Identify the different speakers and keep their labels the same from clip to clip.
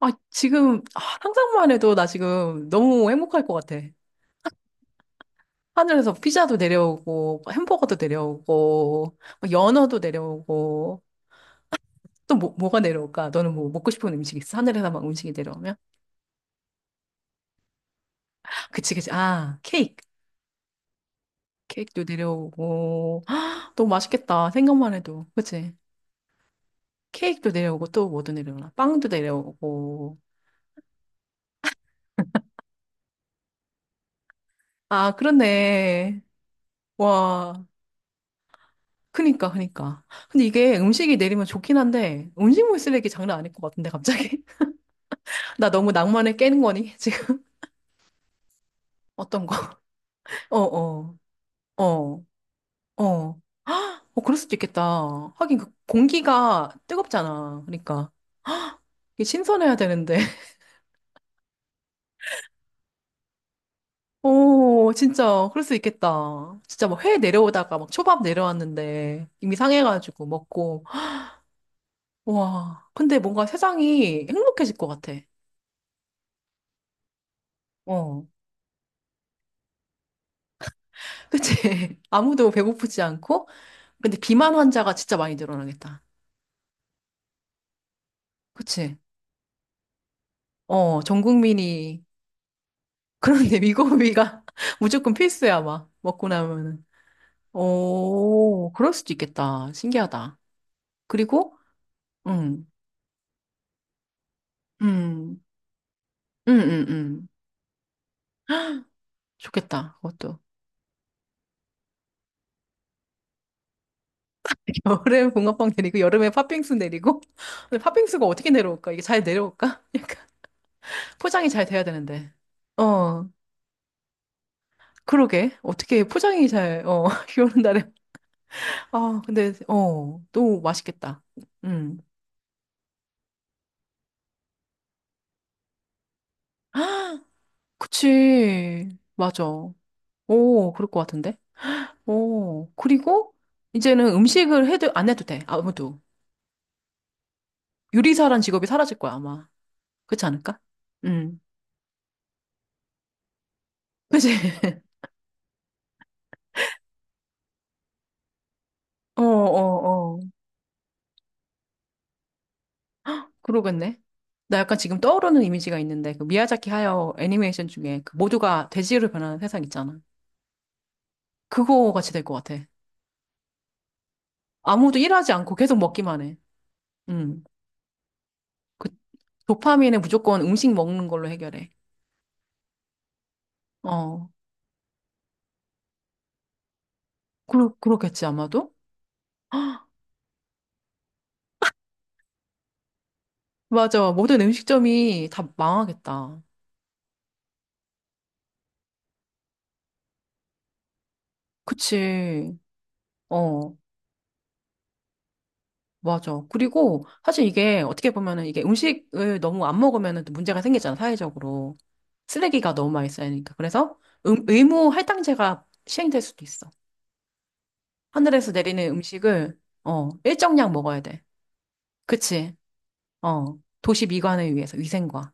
Speaker 1: 아, 지금 상상만 해도 나 지금 너무 행복할 것 같아. 하늘에서 피자도 내려오고, 햄버거도 내려오고, 뭐 연어도 내려오고, 또 뭐가 내려올까? 너는 뭐 먹고 싶은 음식 있어? 하늘에서 막 음식이 내려오면? 그치, 그치. 아, 케이크. 케이크도 내려오고. 헉, 너무 맛있겠다. 생각만 해도. 그치? 케이크도 내려오고, 또 뭐도 내려오나? 빵도 내려오고. 아, 그렇네. 와. 그니까, 그니까. 근데 이게 음식이 내리면 좋긴 한데, 음식물 쓰레기 장난 아닐 것 같은데, 갑자기? 나 너무 낭만을 깨는 거니? 지금. 어떤 거? 어, 어, 어, 어. 어, 그럴 수도 있겠다. 하긴 그 공기가 뜨겁잖아. 그러니까. 이게 신선해야 되는데. 오, 진짜, 그럴 수 있겠다. 진짜 막 회 내려오다가 막 초밥 내려왔는데, 이미 상해가지고 먹고. 와, 근데 뭔가 세상이 행복해질 것 같아. 어. 그치? 아무도 배고프지 않고. 근데 비만 환자가 진짜 많이 늘어나겠다. 그치? 어, 전 국민이. 그런데 미고비가 무조건 필수야, 아마. 먹고 나면은. 오, 그럴 수도 있겠다. 신기하다. 그리고, 음, 음, 음, 음, 음. 좋겠다, 그것도. 여름에 붕어빵 내리고, 여름에 팥빙수 내리고. 근데 팥빙수가 어떻게 내려올까? 이게 잘 내려올까? 약간 포장이 잘 돼야 되는데. 어, 그러게. 어떻게 포장이 잘, 어, 비 오는 날에. 아, 근데, 어, 또 맛있겠다. 음. 아, 그치. 맞아. 오, 그럴 것 같은데? 오, 그리고 이제는 음식을 해도, 안 해도 돼. 아무도. 요리사란 직업이 사라질 거야, 아마. 그렇지 않을까? 음. 그치? 어, 어, 어. 그러겠네. 나 약간 지금 떠오르는 이미지가 있는데, 그 미야자키 하야 애니메이션 중에 그 모두가 돼지로 변하는 세상 있잖아. 그거 같이 될 것 같아. 아무도 일하지 않고 계속 먹기만 해. 음. 그 도파민은 무조건 음식 먹는 걸로 해결해. 어, 그렇겠지, 아마도? 맞아. 모든 음식점이 다 망하겠다. 그치. 어, 맞아. 그리고 사실 이게 어떻게 보면은 이게 음식을 너무 안 먹으면은 또 문제가 생기잖아, 사회적으로. 쓰레기가 너무 많이 쌓이니까. 그래서 의무 할당제가 시행될 수도 있어. 하늘에서 내리는 음식을, 어, 일정량 먹어야 돼. 그치. 어, 도시 미관을 위해서, 위생과.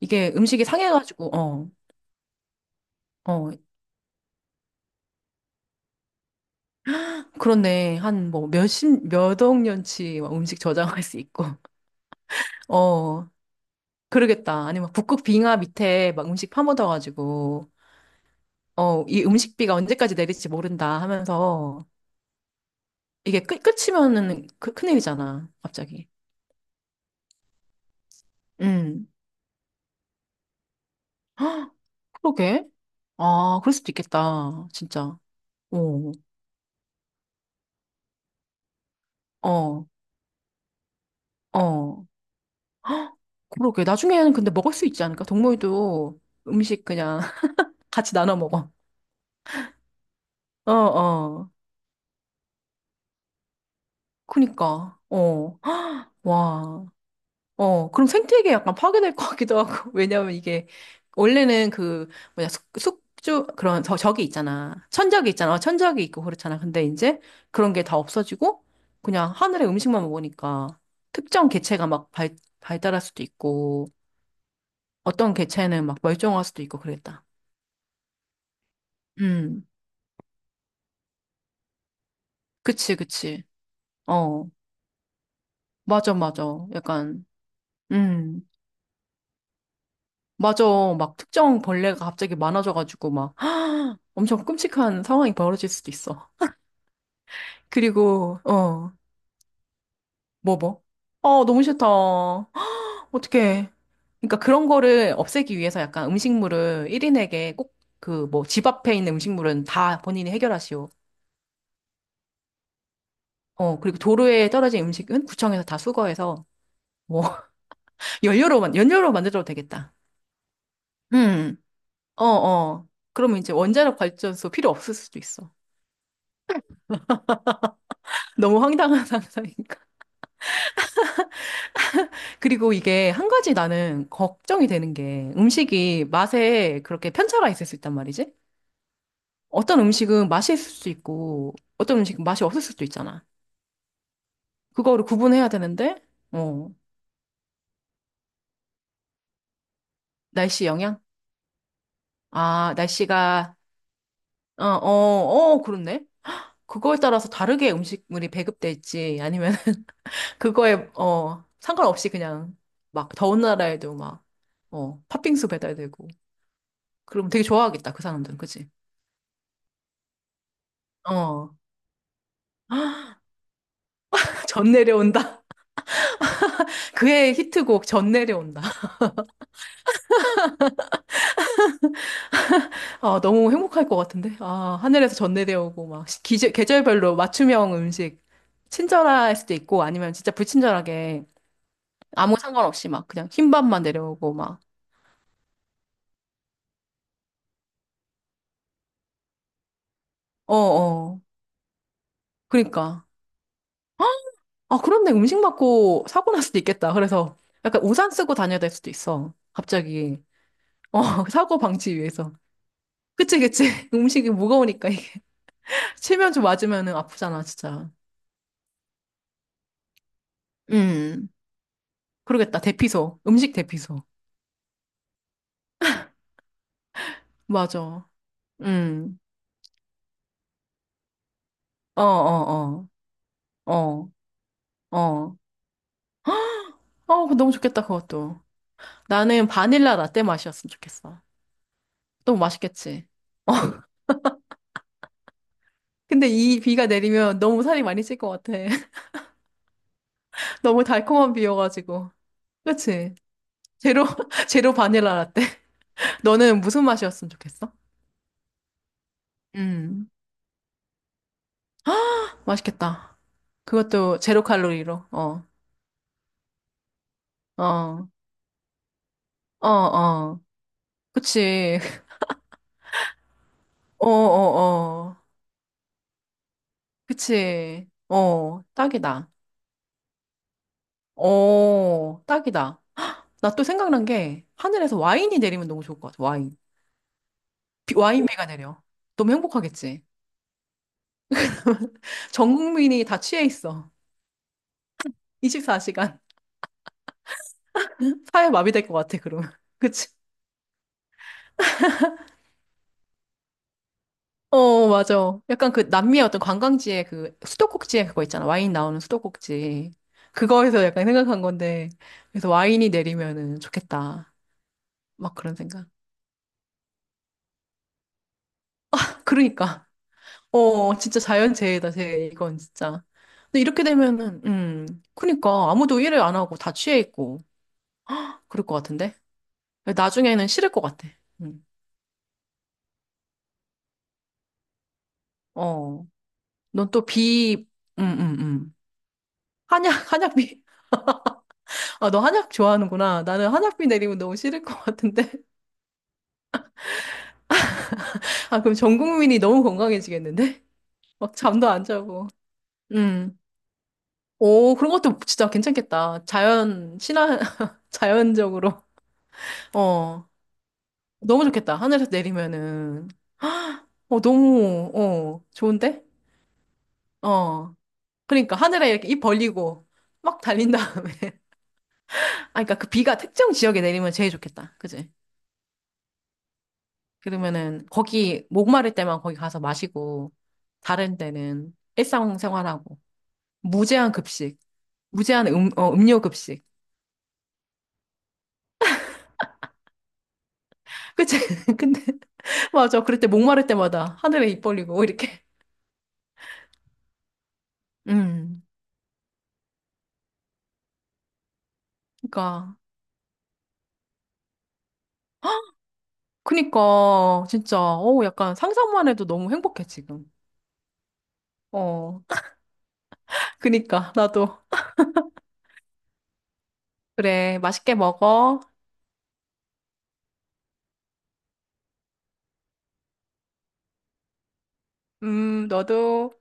Speaker 1: 이게 음식이 상해가지고, 어. 어, 그렇네. 한 뭐 몇십, 몇억 년치 막 음식 저장할 수 있고. 어, 그러겠다. 아니면 북극 빙하 밑에 막 음식 파묻어가지고, 어, 이 음식비가 언제까지 내릴지 모른다 하면서, 이게 끝이면은 그, 큰일이잖아. 갑자기. 음. 헉, 그러게. 아, 그럴 수도 있겠다. 진짜. 오, 어, 어. 그러게. 나중에는 근데 먹을 수 있지 않을까? 동물도 음식 그냥 같이 나눠 먹어. 어, 어. 그니까. 어. 와, 어, 그럼 생태계 약간 파괴될 것 같기도 하고, 왜냐면 이게, 원래는 그, 뭐냐, 숙주, 그런, 저, 저기 있잖아. 천적이 있잖아. 어, 천적이 있고 그렇잖아. 근데 이제 그런 게 다 없어지고, 그냥 하늘의 음식만 먹으니까, 특정 개체가 막 발달할 수도 있고, 어떤 개체는 막 멸종할 수도 있고 그랬다. 음, 그치, 그치. 어, 맞아, 맞아. 약간, 음. 맞아. 막 특정 벌레가 갑자기 많아져가지고 막 엄청 끔찍한 상황이 벌어질 수도 있어. 그리고 어, 뭐 뭐? 어, 너무 싫다. 어떡해. 그러니까 그런 거를 없애기 위해서 약간 음식물을 1인에게 꼭, 그 뭐 집 앞에 있는 음식물은 다 본인이 해결하시오. 어, 그리고 도로에 떨어진 음식은 구청에서 다 수거해서 뭐 연료로만 연료로 만들어도 되겠다. 음. 어, 어. 그러면 이제 원자력 발전소 필요 없을 수도 있어. 너무 황당한 상상이. 그리고 이게 한 가지 나는 걱정이 되는 게 음식이 맛에 그렇게 편차가 있을 수 있단 말이지? 어떤 음식은 맛이 있을 수 있고 어떤 음식은 맛이 없을 수도 있잖아. 그거를 구분해야 되는데, 어, 날씨 영향? 아, 날씨가, 어, 어, 어, 그렇네. 그거에 따라서 다르게 음식물이 배급될지 아니면 그거에, 어, 상관없이 그냥 막 더운 나라에도 막, 어, 팥빙수 배달되고. 그러면 되게 좋아하겠다, 그 사람들은. 그치? 어. 전 내려온다. 그의 히트곡 전내려 온다. 아, 너무 행복할 것 같은데. 아, 하늘에서 전내려 오고 막 계절별로 맞춤형 음식 친절할 수도 있고 아니면 진짜 불친절하게 아무 상관없이 막 그냥 흰밥만 내려오고 막. 어, 어. 그러니까. 아, 그런데 음식 맞고 사고 날 수도 있겠다. 그래서 약간 우산 쓰고 다녀야 될 수도 있어. 갑자기. 어, 사고 방지 위해서. 그치, 그치. 음식이 무거우니까 이게. 체면 좀 맞으면 아프잖아, 진짜. 음. 그러겠다. 대피소. 음식 대피소. 맞아. 음. 어, 어, 어. 어, 어. 어, 그거 너무 좋겠다, 그것도. 나는 바닐라 라떼 맛이었으면 좋겠어. 너무 맛있겠지? 근데 이 비가 내리면 너무 살이 많이 찔 것 같아. 너무 달콤한 비여가지고. 그치? 제로, 제로 바닐라 라떼. 너는 무슨 맛이었으면 좋겠어? 음, 맛있겠다. 그것도 제로 칼로리로. 어, 어, 어, 어. 그치. 어, 어, 어. 그치. 어, 딱이다. 어, 딱이다. 나 또 생각난 게 하늘에서 와인이 내리면 너무 좋을 것 같아. 와인. 비- 와인비가 내려. 너무 행복하겠지. 전 국민이 다 취해 있어. 24시간. 사회 마비될 것 같아, 그러면. 그치? 어, 맞아. 약간 그 남미의 어떤 관광지에 그 수도꼭지에 그거 있잖아. 와인 나오는 수도꼭지. 그거에서 약간 생각한 건데. 그래서 와인이 내리면은 좋겠다. 막 그런 생각. 그러니까. 어, 진짜 자연재해다, 재해, 이건 진짜. 근데 이렇게 되면은, 그니까, 아무도 일을 안 하고 다 취해 있고, 그럴 것 같은데? 나중에는 싫을 것 같아. 음. 어, 넌 또 비, 음, 음, 음. 한약, 한약비. 아, 너 한약 좋아하는구나. 나는 한약비 내리면 너무 싫을 것 같은데? 아, 그럼 전 국민이 너무 건강해지겠는데? 막 잠도 안 자고. 음. 오, 그런 것도 진짜 괜찮겠다. 자연, 친화, 자연적으로. 어. 너무 좋겠다. 하늘에서 내리면은. 헉! 어, 너무, 어, 좋은데? 어. 그러니까 하늘에 이렇게 입 벌리고 막 달린 다음에. 아, 그러니까 그 비가 특정 지역에 내리면 제일 좋겠다. 그지? 그러면은 거기 목마를 때만 거기 가서 마시고 다른 때는 일상생활하고 무제한 급식, 무제한 어, 음료 급식. 그치? 근데 맞아. 그럴 때 목마를 때마다 하늘에 입 벌리고 이렇게. 음. 그러니까 그니까 진짜 어 약간 상상만 해도 너무 행복해 지금. 어. 그니까 나도 그래. 맛있게 먹어. 너도.